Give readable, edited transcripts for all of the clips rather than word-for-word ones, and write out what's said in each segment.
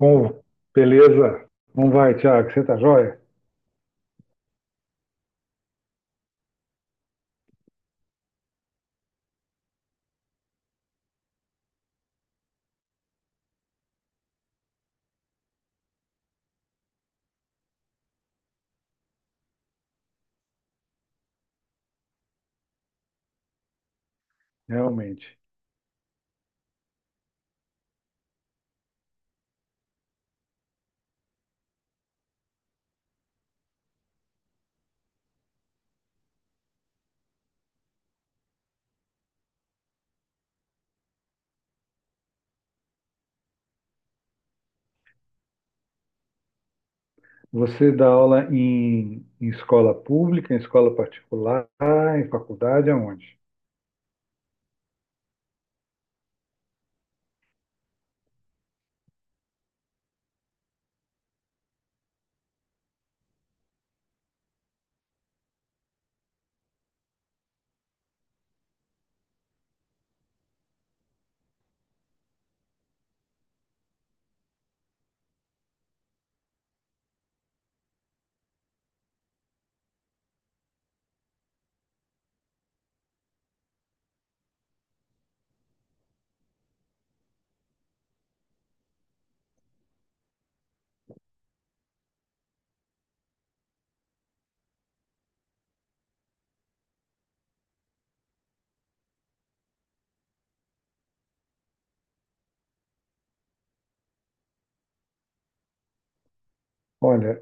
Como? Beleza? Como vai, Tiago? Você tá jóia? Realmente. Você dá aula em escola pública, em escola particular, em faculdade, aonde? Olha,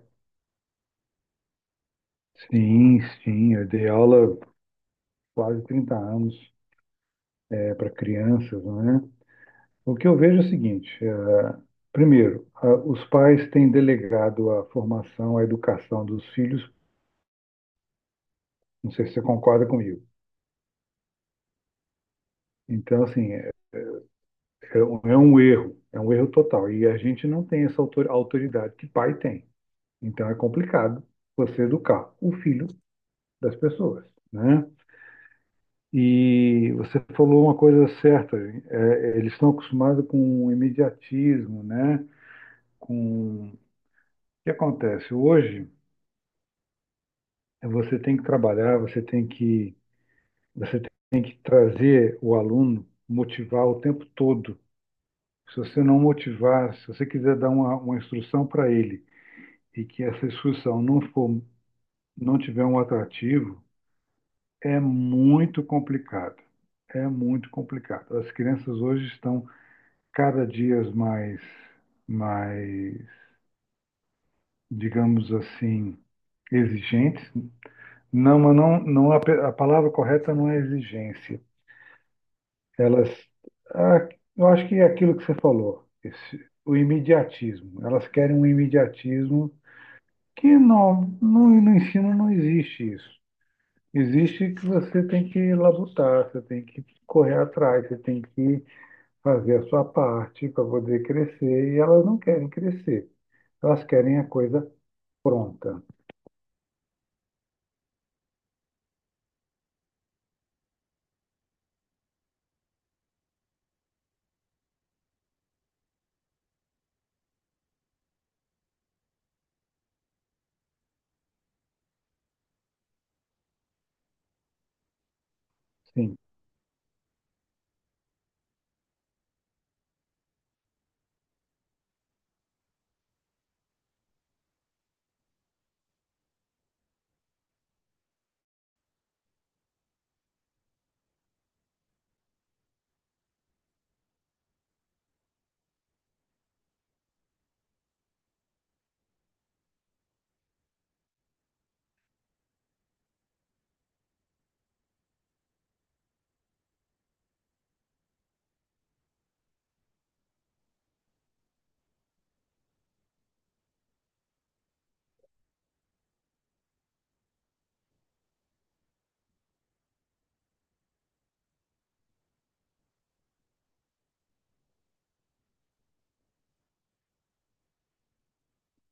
sim, sim, eu dei aula quase 30 anos para crianças, né? O que eu vejo é o seguinte, primeiro, os pais têm delegado a formação, a educação dos filhos, não sei se você concorda comigo. Então, assim, é um erro, é um erro total. E a gente não tem essa autoridade que pai tem. Então é complicado você educar o filho das pessoas, né? E você falou uma coisa certa, é, eles estão acostumados com o imediatismo, né? Com o que acontece hoje, é você tem que trabalhar, você tem que trazer o aluno, motivar o tempo todo. Se você não motivar, se você quiser dar uma instrução para ele e que essa discussão não for, não tiver um atrativo, é muito complicado. É muito complicado. As crianças hoje estão cada dia mais, digamos assim, exigentes. Não, mas não, a palavra correta não é exigência. Elas, ah, eu acho que é aquilo que você falou, esse, o imediatismo. Elas querem um imediatismo que no ensino não existe isso. Existe que você tem que labutar, você tem que correr atrás, você tem que fazer a sua parte para poder crescer, e elas não querem crescer, elas querem a coisa pronta. Sim,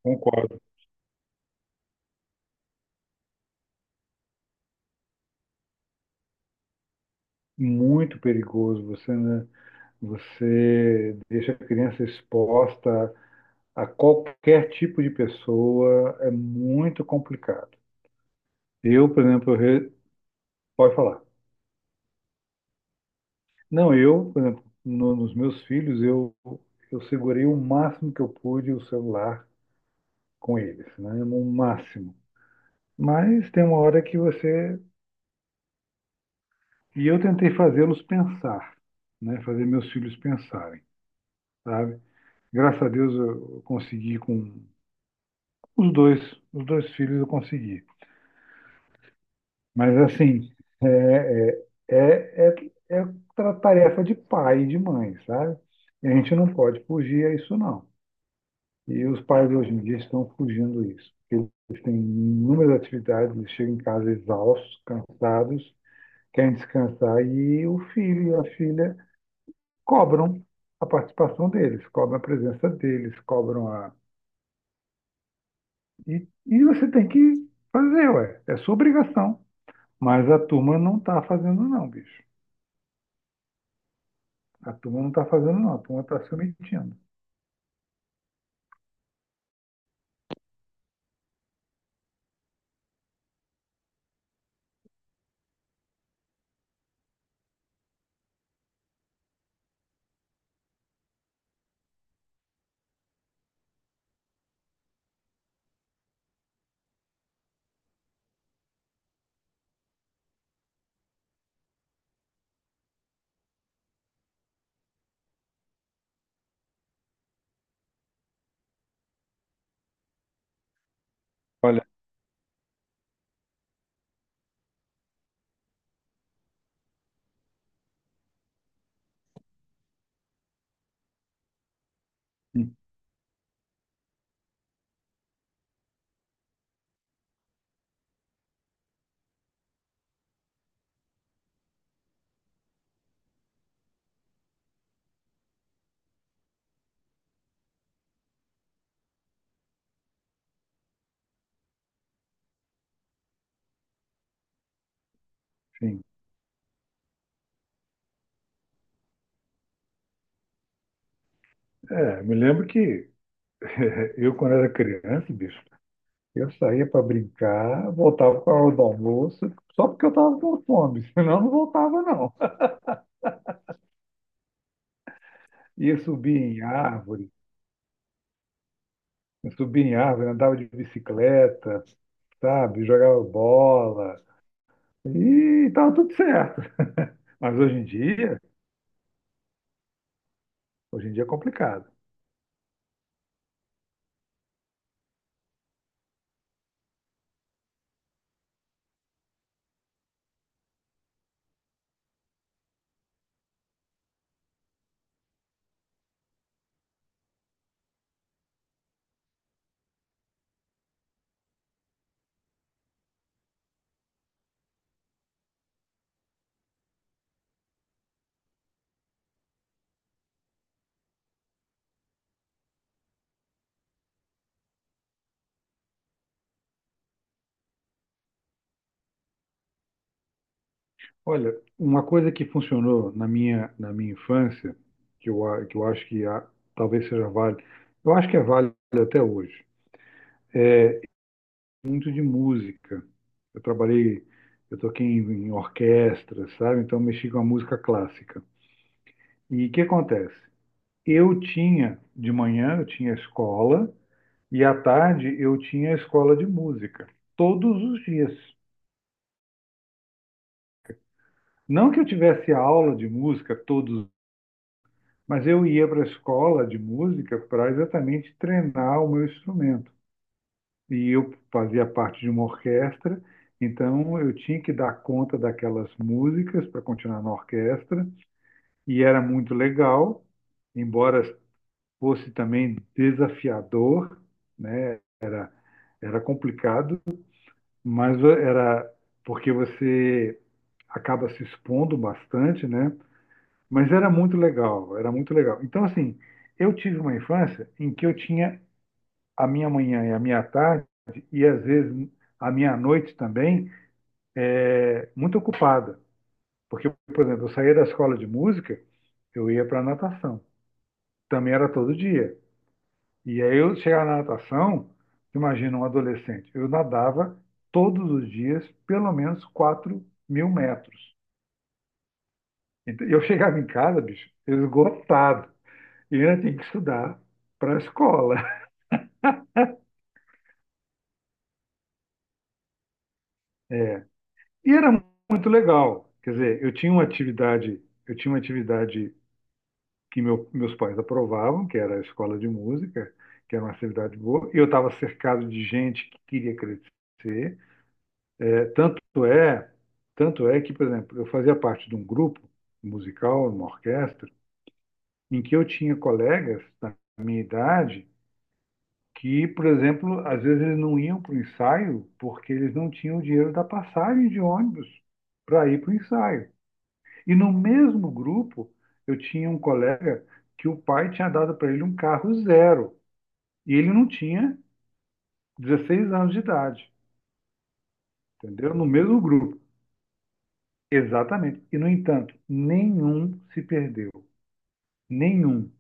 concordo. Muito perigoso, você, né, você deixa a criança exposta a qualquer tipo de pessoa, é muito complicado. Eu, por exemplo, pode falar. Não, eu, por exemplo, nos meus filhos, eu segurei o máximo que eu pude o celular com eles, né? No máximo. Mas tem uma hora que você. E eu tentei fazê-los pensar, né? Fazer meus filhos pensarem, sabe? Graças a Deus eu consegui com os dois, os dois filhos eu consegui. Mas assim, é, é, é tarefa de pai e de mãe, sabe? E a gente não pode fugir a isso, não. E os pais hoje em dia estão fugindo disso. Eles têm inúmeras atividades, eles chegam em casa exaustos, cansados, querem descansar e o filho e a filha cobram a participação deles, cobram a presença deles, cobram a. E você tem que fazer, ué, é sua obrigação. Mas a turma não está fazendo, não, bicho. A turma não está fazendo, não, a turma está se omitindo. Olha, enfim. É, me lembro que eu, quando era criança, bicho, eu saía para brincar, voltava com a hora do almoço, só porque eu estava com fome, senão eu não voltava, não. Ia subir em árvore, eu subia em árvore, andava de bicicleta, sabe? Jogava bola, e estava tudo certo. Mas hoje em dia é complicado. Olha, uma coisa que funcionou na minha infância, que eu acho talvez seja válido, eu acho que é válido até hoje, muito de música. Eu trabalhei, eu toquei em orquestra, sabe? Então eu mexi com a música clássica. E o que acontece? Eu tinha, de manhã eu tinha escola e à tarde eu tinha escola de música, todos os dias. Não que eu tivesse aula de música todos, mas eu ia para a escola de música para exatamente treinar o meu instrumento. E eu fazia parte de uma orquestra, então eu tinha que dar conta daquelas músicas para continuar na orquestra, e era muito legal, embora fosse também desafiador, né? Era complicado, mas era porque você acaba se expondo bastante, né? Mas era muito legal, era muito legal. Então, assim, eu tive uma infância em que eu tinha a minha manhã e a minha tarde, e às vezes a minha noite também, é muito ocupada. Porque, por exemplo, eu saía da escola de música, eu ia para a natação. Também era todo dia. E aí eu chegava na natação, imagina um adolescente, eu nadava todos os dias pelo menos 4 mil metros. Então, eu chegava em casa, bicho, esgotado. E eu ainda tinha que estudar para a escola. E era muito legal. Quer dizer, eu tinha uma atividade, eu tinha uma atividade que meus pais aprovavam, que era a escola de música, que era uma atividade boa. Eu estava cercado de gente que queria crescer. É, tanto é, tanto é que, por exemplo, eu fazia parte de um grupo musical, uma orquestra, em que eu tinha colegas da minha idade que, por exemplo, às vezes eles não iam para o ensaio porque eles não tinham o dinheiro da passagem de ônibus para ir para o ensaio. E no mesmo grupo, eu tinha um colega que o pai tinha dado para ele um carro zero. E ele não tinha 16 anos de idade, entendeu? No mesmo grupo. Exatamente. E, no entanto, nenhum se perdeu. Nenhum.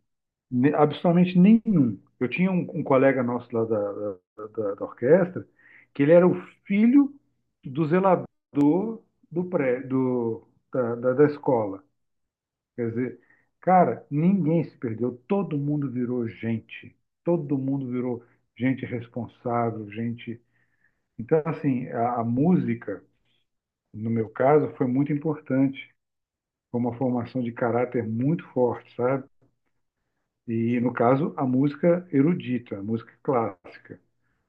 Absolutamente nenhum. Eu tinha um colega nosso lá da orquestra, que ele era o filho do zelador do pré, do, da, da, da escola. Quer dizer, cara, ninguém se perdeu. Todo mundo virou gente. Todo mundo virou gente responsável, gente. Então, assim, a música, no meu caso, foi muito importante, foi uma formação de caráter muito forte, sabe? E, no caso, a música erudita, a música clássica.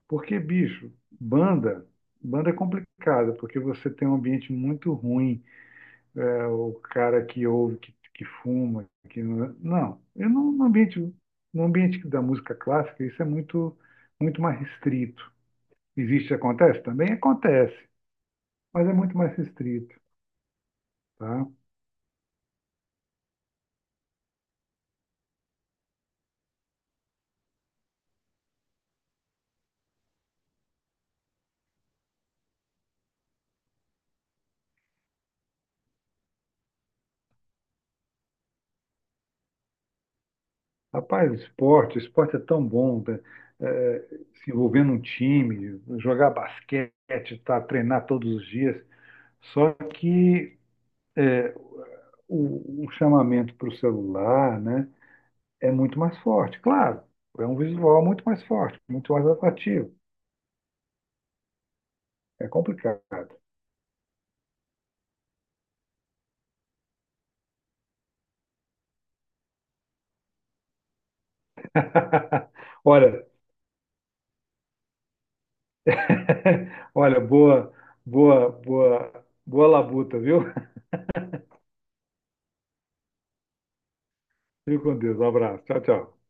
Porque, bicho, banda, banda é complicada, porque você tem um ambiente muito ruim, é, o cara que ouve, que fuma, que não, não, eu não, no ambiente, no ambiente da música clássica, isso é muito, muito mais restrito. Existe, acontece? Também acontece, mas é muito mais restrito, tá? Rapaz, esporte, esporte é tão bom, tá? É, se envolver num time, jogar basquete, tá, treinar todos os dias. Só que é, o chamamento para o celular, né, é muito mais forte. Claro, é um visual muito mais forte, muito mais atrativo. É complicado. Olha, olha, boa, boa, boa, boa labuta, viu? Fique com Deus. Um abraço. Tchau, tchau.